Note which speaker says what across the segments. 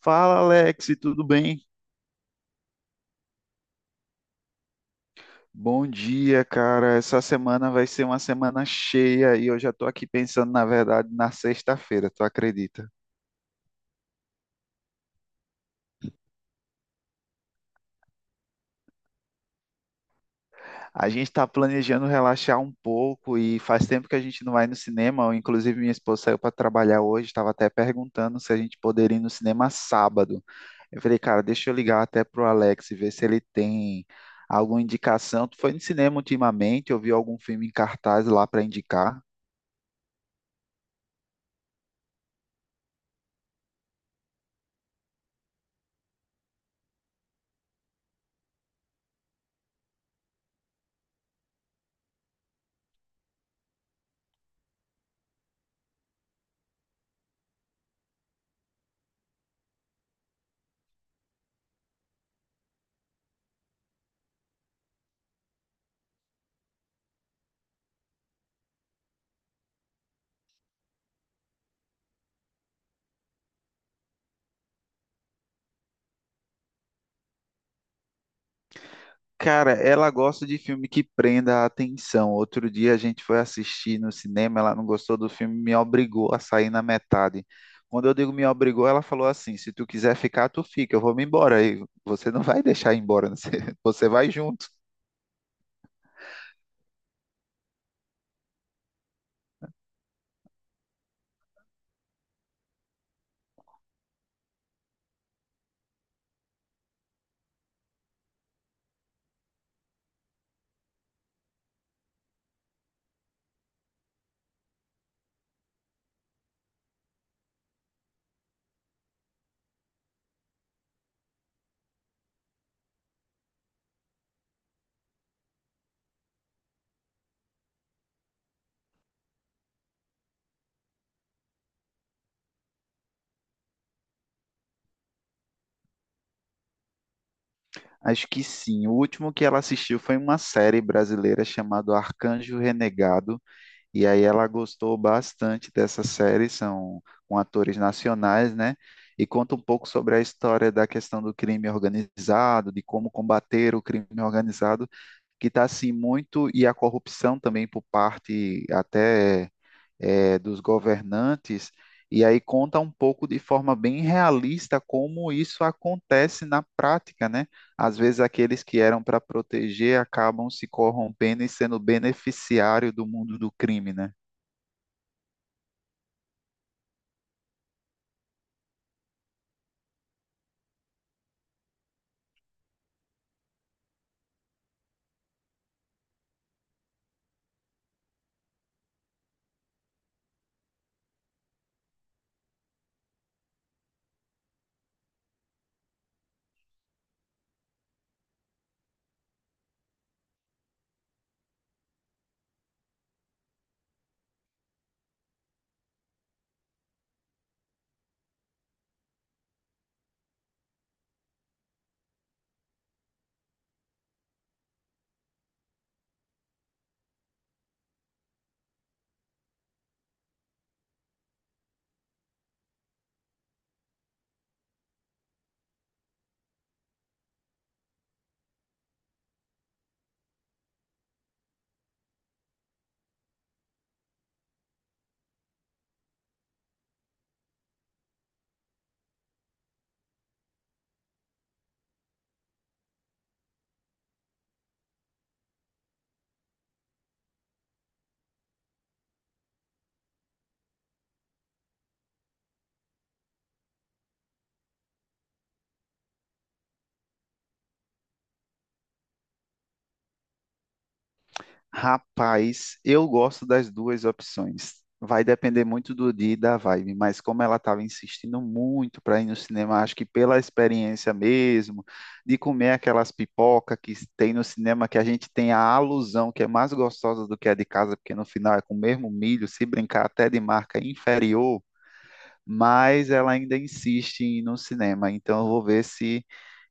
Speaker 1: Fala, Alex, tudo bem? Bom dia, cara. Essa semana vai ser uma semana cheia e eu já tô aqui pensando, na verdade, na sexta-feira, tu acredita? A gente tá planejando relaxar um pouco e faz tempo que a gente não vai no cinema. Inclusive, minha esposa saiu para trabalhar hoje, estava até perguntando se a gente poderia ir no cinema sábado. Eu falei, cara, deixa eu ligar até pro Alex e ver se ele tem alguma indicação. Tu foi no cinema ultimamente? Eu vi algum filme em cartaz lá para indicar? Cara, ela gosta de filme que prenda a atenção. Outro dia a gente foi assistir no cinema, ela não gostou do filme, me obrigou a sair na metade. Quando eu digo me obrigou, ela falou assim: se tu quiser ficar, tu fica, eu vou me embora. E você não vai deixar ir embora, né? Você vai junto. Acho que sim. O último que ela assistiu foi uma série brasileira chamada Arcanjo Renegado. E aí ela gostou bastante dessa série, são com atores nacionais, né? E conta um pouco sobre a história da questão do crime organizado, de como combater o crime organizado, que está assim muito, e a corrupção também por parte até dos governantes. E aí conta um pouco de forma bem realista como isso acontece na prática, né? Às vezes aqueles que eram para proteger acabam se corrompendo e sendo beneficiário do mundo do crime, né? Rapaz, eu gosto das duas opções. Vai depender muito do dia e da vibe, mas como ela estava insistindo muito para ir no cinema, acho que pela experiência mesmo, de comer aquelas pipoca que tem no cinema, que a gente tem a alusão que é mais gostosa do que a de casa, porque no final é com o mesmo milho, se brincar até de marca inferior, mas ela ainda insiste em ir no cinema. Então eu vou ver se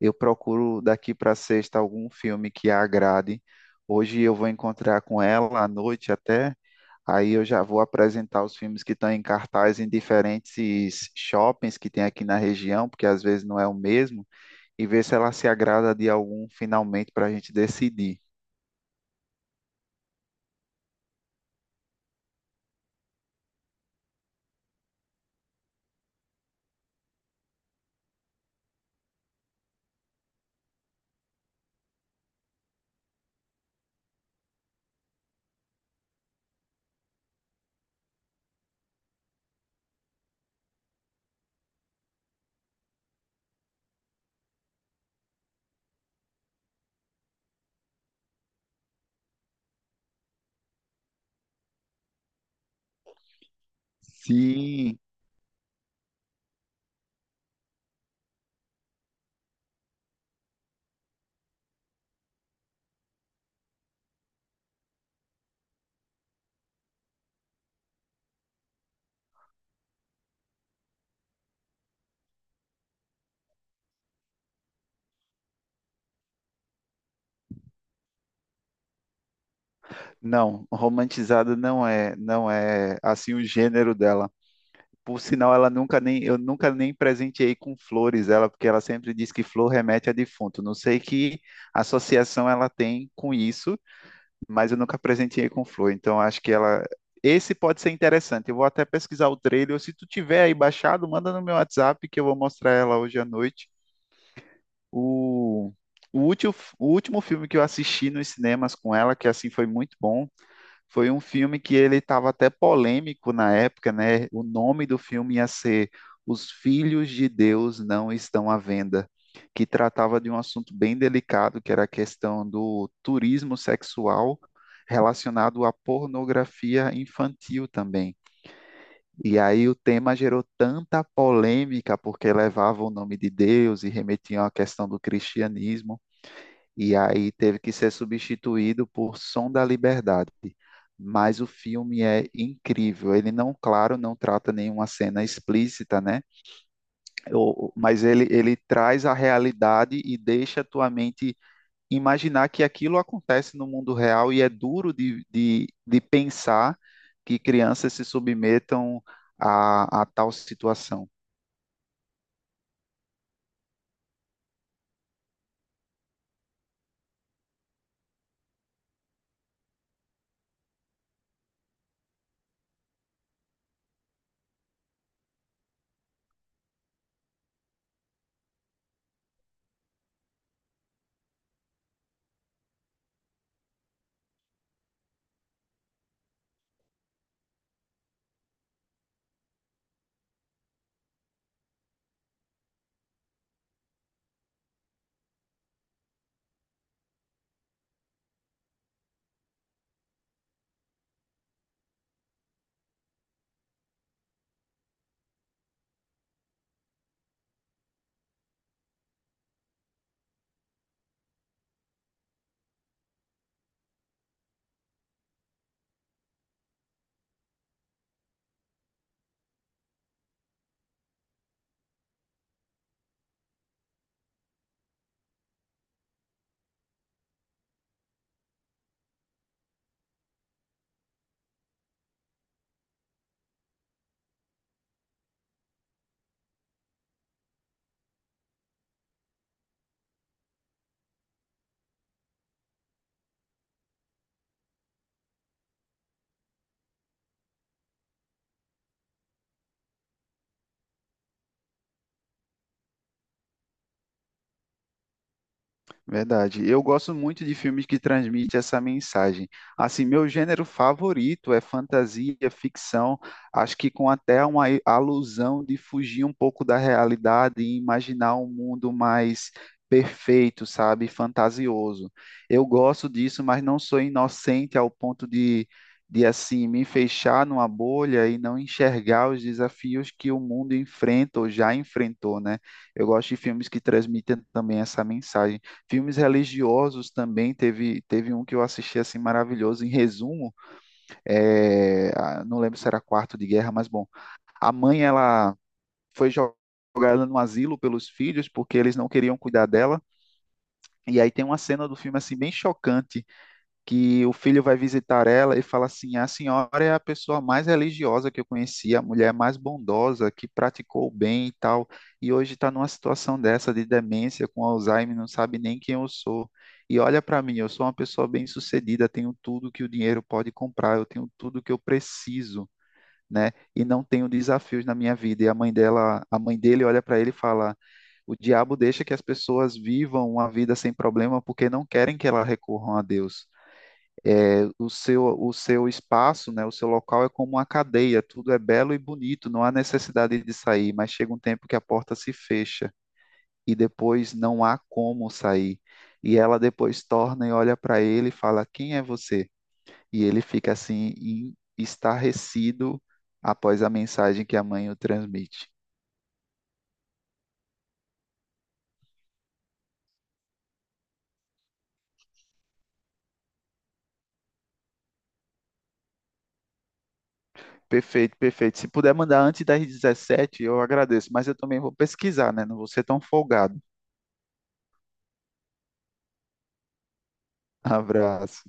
Speaker 1: eu procuro daqui para sexta algum filme que a agrade. Hoje eu vou encontrar com ela à noite até. Aí eu já vou apresentar os filmes que estão em cartaz em diferentes shoppings que tem aqui na região, porque às vezes não é o mesmo, e ver se ela se agrada de algum finalmente para a gente decidir. Sim, não, romantizada não é, não é assim o gênero dela. Por sinal, ela nunca nem, eu nunca nem presenteei com flores ela, porque ela sempre diz que flor remete a defunto. Não sei que associação ela tem com isso, mas eu nunca presenteei com flor. Então, acho que ela. Esse pode ser interessante. Eu vou até pesquisar o trailer. Ou se tu tiver aí baixado, manda no meu WhatsApp que eu vou mostrar ela hoje à noite. O, o, último, o último filme que eu assisti nos cinemas com ela, que assim foi muito bom, foi um filme que ele estava até polêmico na época, né? O nome do filme ia ser Os Filhos de Deus Não Estão à Venda, que tratava de um assunto bem delicado, que era a questão do turismo sexual relacionado à pornografia infantil também. E aí o tema gerou tanta polêmica, porque levava o nome de Deus e remetiam à questão do cristianismo e aí teve que ser substituído por Som da Liberdade. Mas o filme é incrível. Ele não, claro, não trata nenhuma cena explícita, né? Mas ele traz a realidade e deixa a tua mente imaginar que aquilo acontece no mundo real e é duro de pensar que crianças se submetam a tal situação. Verdade. Eu gosto muito de filmes que transmitem essa mensagem. Assim, meu gênero favorito é fantasia, ficção, acho que com até uma alusão de fugir um pouco da realidade e imaginar um mundo mais perfeito, sabe? Fantasioso. Eu gosto disso, mas não sou inocente ao ponto de assim, me fechar numa bolha e não enxergar os desafios que o mundo enfrenta ou já enfrentou, né? Eu gosto de filmes que transmitem também essa mensagem. Filmes religiosos também teve um que eu assisti assim maravilhoso. Em resumo, não lembro se era Quarto de Guerra, mas bom, a mãe ela foi jo- jogada no asilo pelos filhos porque eles não queriam cuidar dela. E aí tem uma cena do filme assim bem chocante que o filho vai visitar ela e fala assim: a senhora é a pessoa mais religiosa que eu conheci, a mulher mais bondosa, que praticou o bem e tal, e hoje está numa situação dessa de demência com Alzheimer, não sabe nem quem eu sou. E olha para mim, eu sou uma pessoa bem-sucedida, tenho tudo que o dinheiro pode comprar, eu tenho tudo que eu preciso, né? E não tenho desafios na minha vida. E a mãe dela, a mãe dele olha para ele e fala: o diabo deixa que as pessoas vivam uma vida sem problema porque não querem que elas recorram a Deus. O seu, o seu espaço, né, o seu local é como uma cadeia, tudo é belo e bonito, não há necessidade de sair, mas chega um tempo que a porta se fecha e depois não há como sair. E ela depois torna e olha para ele e fala: Quem é você? E ele fica assim, estarrecido após a mensagem que a mãe o transmite. Perfeito, perfeito. Se puder mandar antes das 17h eu agradeço, mas eu também vou pesquisar, né? Não vou ser tão folgado. Abraço.